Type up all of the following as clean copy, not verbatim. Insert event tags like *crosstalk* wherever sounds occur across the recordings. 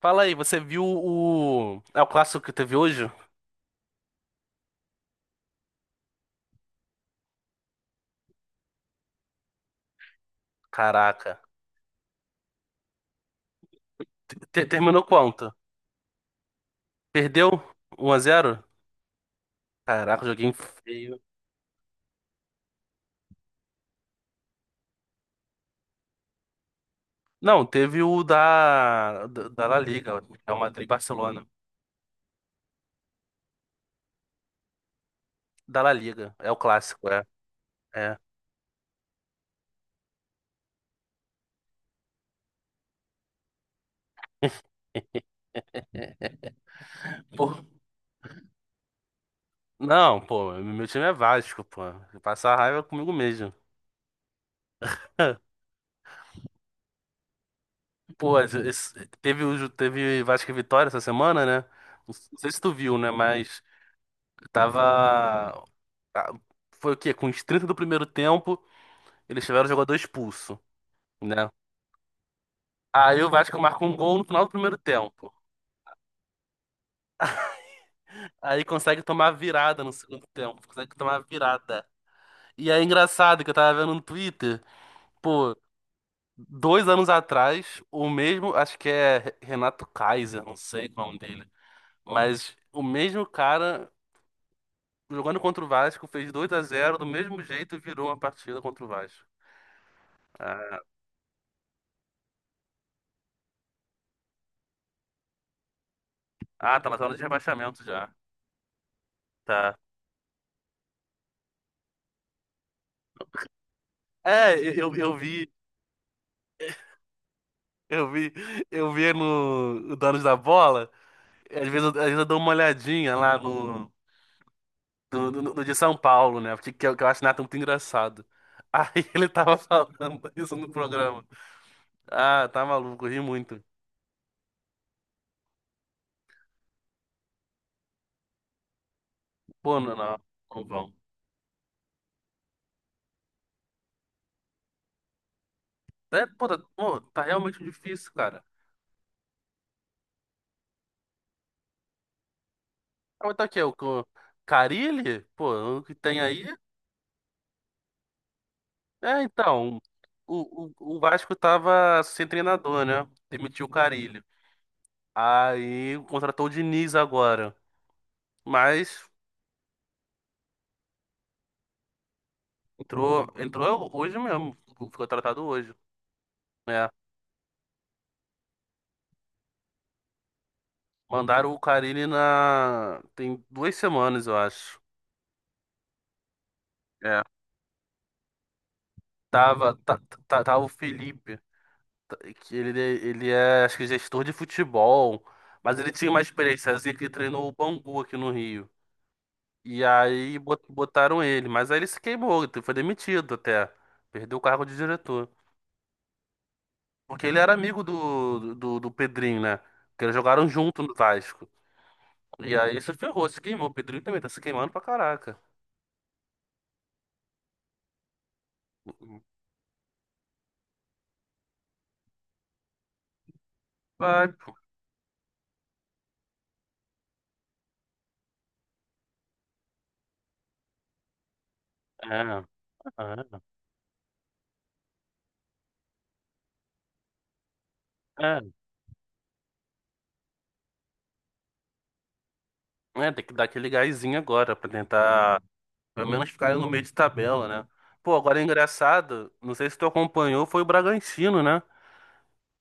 Fala aí, você viu o. É o clássico que teve hoje? Caraca. Terminou quanto? Perdeu? 1-0? Caraca, joguinho feio. Não, teve o da La Liga, é o Madrid e Barcelona. Da La Liga, é o clássico, é. É. Pô, não, pô, meu time é Vasco, pô. Passar raiva é comigo mesmo. *laughs* Pô, teve Vasco e Vitória essa semana, né? Não sei se tu viu, né? Mas tava. ah, foi o quê? Com os 30 do primeiro tempo, eles tiveram o jogador expulso, né? Aí o Vasco marca um gol no final do primeiro tempo. Aí consegue tomar a virada no segundo tempo, consegue tomar a virada. E é engraçado que eu tava vendo no Twitter, pô, 2 anos atrás, o mesmo, acho que é Renato Kaiser, não sei qual é o nome dele, mas o mesmo cara jogando contra o Vasco fez 2-0 do mesmo jeito e virou uma partida contra o Vasco. Ah, ah, tá na zona de rebaixamento já. Tá. É, eu Eu vi, vi no o Donos da Bola, às vezes, às vezes eu dou uma olhadinha lá no de São Paulo, né? Porque que eu acho o Nathan muito engraçado. *laughs* Aí ele tava falando *laughs* isso no programa. Ah, tá maluco, eu ri muito. Pô, não, não, não vão. É, pô, tá realmente difícil, cara. Ah, mas tá aqui, é o Carille? Pô, o que tem aí? É, então, o Vasco tava sem treinador, né? Demitiu o Carille. Aí contratou o Diniz agora. Mas entrou, entrou hoje mesmo. Ficou tratado hoje. É. Mandaram o Carille na. Tem 2 semanas, eu acho. É. Tava, tá, tava o Felipe, tá- que ele é, acho que, gestor de futebol. Mas ele tinha uma experiência, assim, que treinou o Bangu aqui no Rio. E aí botaram ele. Mas aí ele se queimou, ele foi demitido até. Perdeu o cargo de diretor. Porque ele era amigo do Pedrinho, né? Porque eles jogaram junto no Vasco. E aí se ferrou, se queimou. O Pedrinho também tá se queimando pra caraca. Vai. É, é, é. É, tem que dar aquele gásinho agora pra tentar, pelo menos, ficar no meio de tabela, né? Pô, agora é engraçado, não sei se tu acompanhou, foi o Bragantino, né?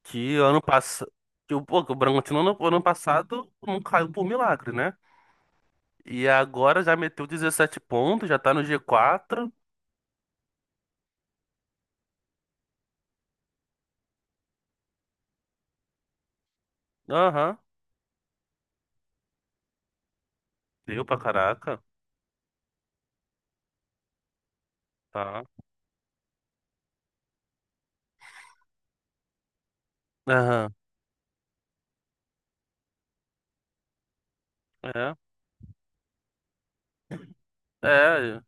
Que ano passado. Que, pô, que o Bragantino ano passado não caiu por milagre, né? E agora já meteu 17 pontos, já tá no G4. Aham, deu pra caraca. Tá. Aham, é. É,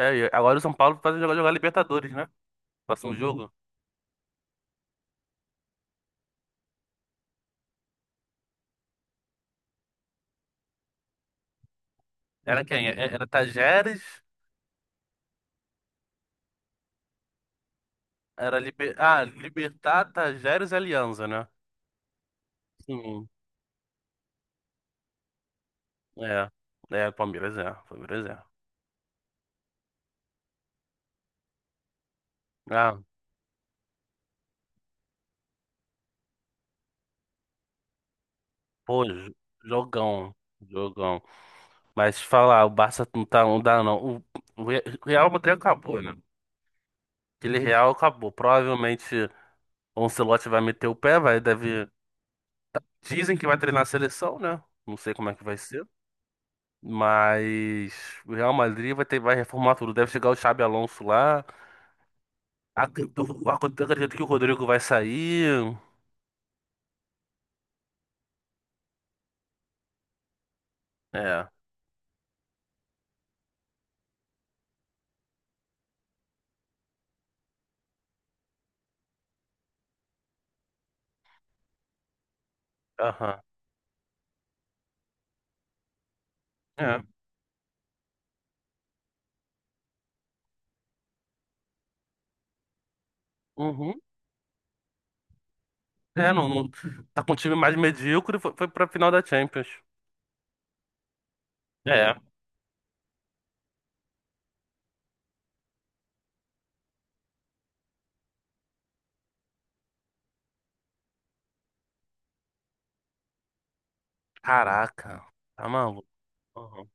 é, e agora o São Paulo vai jogar Libertadores, né? Próximo jogo. Era quem? Era Tajeres? Era Libertad, Tajeres e Alianza, né? Sim. É. É, Palmeiras é. Palmeiras é. Ah, pô, jogão. Jogão. Mas falar, o Barça não tá, não dá, não. O Real Madrid acabou, né? Aquele Real acabou. Provavelmente o Ancelotti vai meter o pé, vai, deve. Dizem que vai treinar a seleção, né? Não sei como é que vai ser. Mas o Real Madrid vai ter, vai reformar tudo. Deve chegar o Xabi Alonso lá. Acredito, acredito que o Rodrigo vai sair. É. Aham. É. Uhum. É, não, tá com um time mais medíocre. Foi pra final da Champions. É. Caraca. Tá maluco. Aham.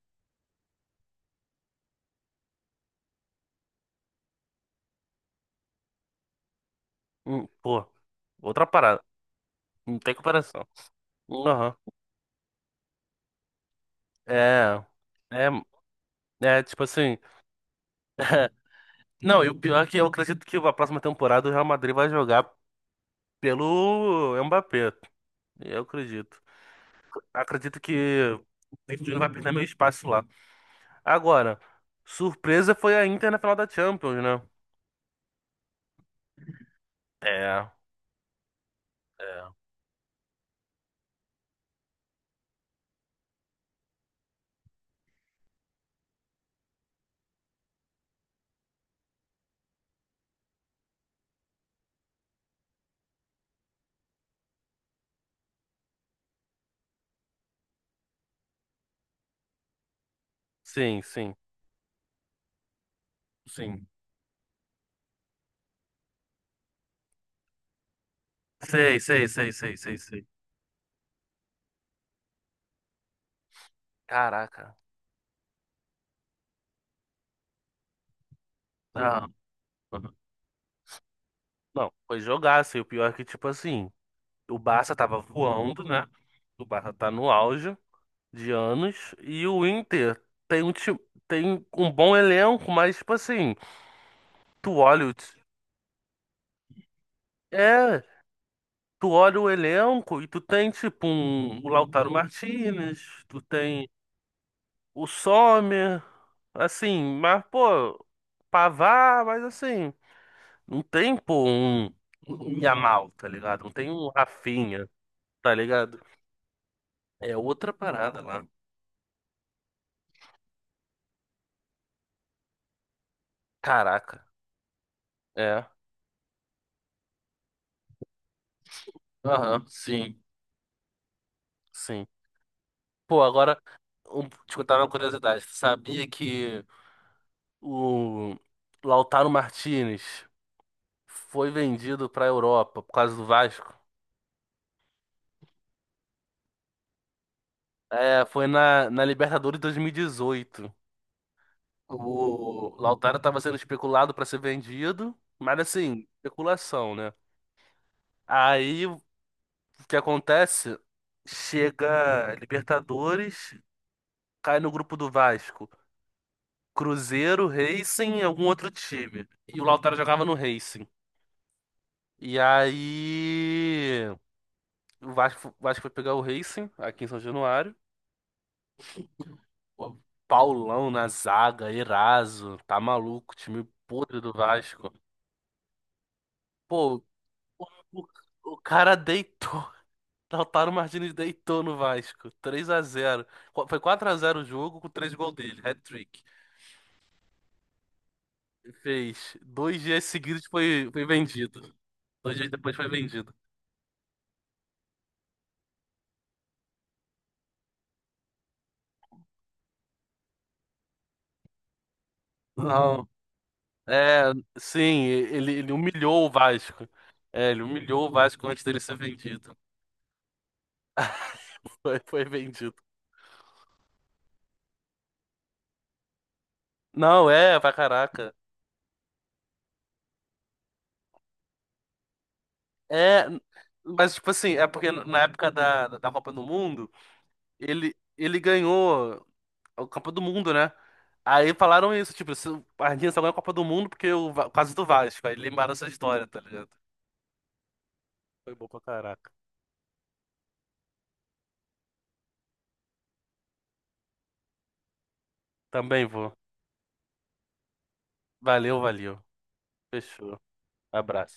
Pô. Outra parada. Não tem comparação. Aham. É. É. É, tipo assim. *laughs* Não, e o pior é que eu acredito que a próxima temporada o Real Madrid vai jogar pelo Mbappé. Eu acredito. Acredito que o Corinthians não vai perder meu espaço lá. Agora, surpresa foi a Inter na final da Champions, né? É, é. Sim, sim, sim. Sei, sei, sei, sei, sei, sei. Caraca. Não, não, foi jogaço. E o pior é que, tipo assim, o Barça tava voando, né? O Barça tá no auge de anos. E o Inter tem um, ti- tem um bom elenco, mas, tipo assim, tu olha o. ti- é, tu olha o elenco e tu tem tipo um, o Lautaro Martinez, tu tem o Sommer, assim, mas pô, pavar, mas assim, não tem pô um Yamal, tá ligado? Não tem um Rafinha, tá ligado? É outra parada lá. Caraca, é. Aham, sim, sim. Pô, agora, te contar uma curiosidade. Tu sabia que o Lautaro Martinez foi vendido pra Europa por causa do Vasco? É, foi na Libertadores 2018. O Lautaro tava sendo especulado para ser vendido, mas assim, especulação, né? Aí o que acontece? Chega Libertadores, cai no grupo do Vasco. Cruzeiro, Racing e algum outro time. E o Lautaro jogava no Racing. E aí o Vasco foi pegar o Racing aqui em São Januário. O Paulão na zaga, Eraso, tá maluco, time podre do Vasco. Pô, o, o cara deitou. *laughs* Lautaro Martínez deitou no Vasco. 3-0. Foi 4-0 o jogo com 3 gols dele, hat-trick. Fez. 2 dias seguidos foi vendido. 2 dias depois foi vendido. Não. É, sim, ele humilhou o Vasco. É, ele humilhou o Vasco antes dele ser vendido. *laughs* Foi vendido. Não, é, pra caraca. É, mas tipo assim, é porque na época da Copa do Mundo, ele ganhou a Copa do Mundo, né? Aí falaram isso, tipo, se o a Argentina só ganha a Copa do Mundo porque o por causa do Vasco. Aí lembraram essa história, tá ligado? Foi bom pra caraca. Também vou. Valeu, valeu. Fechou. Abraço.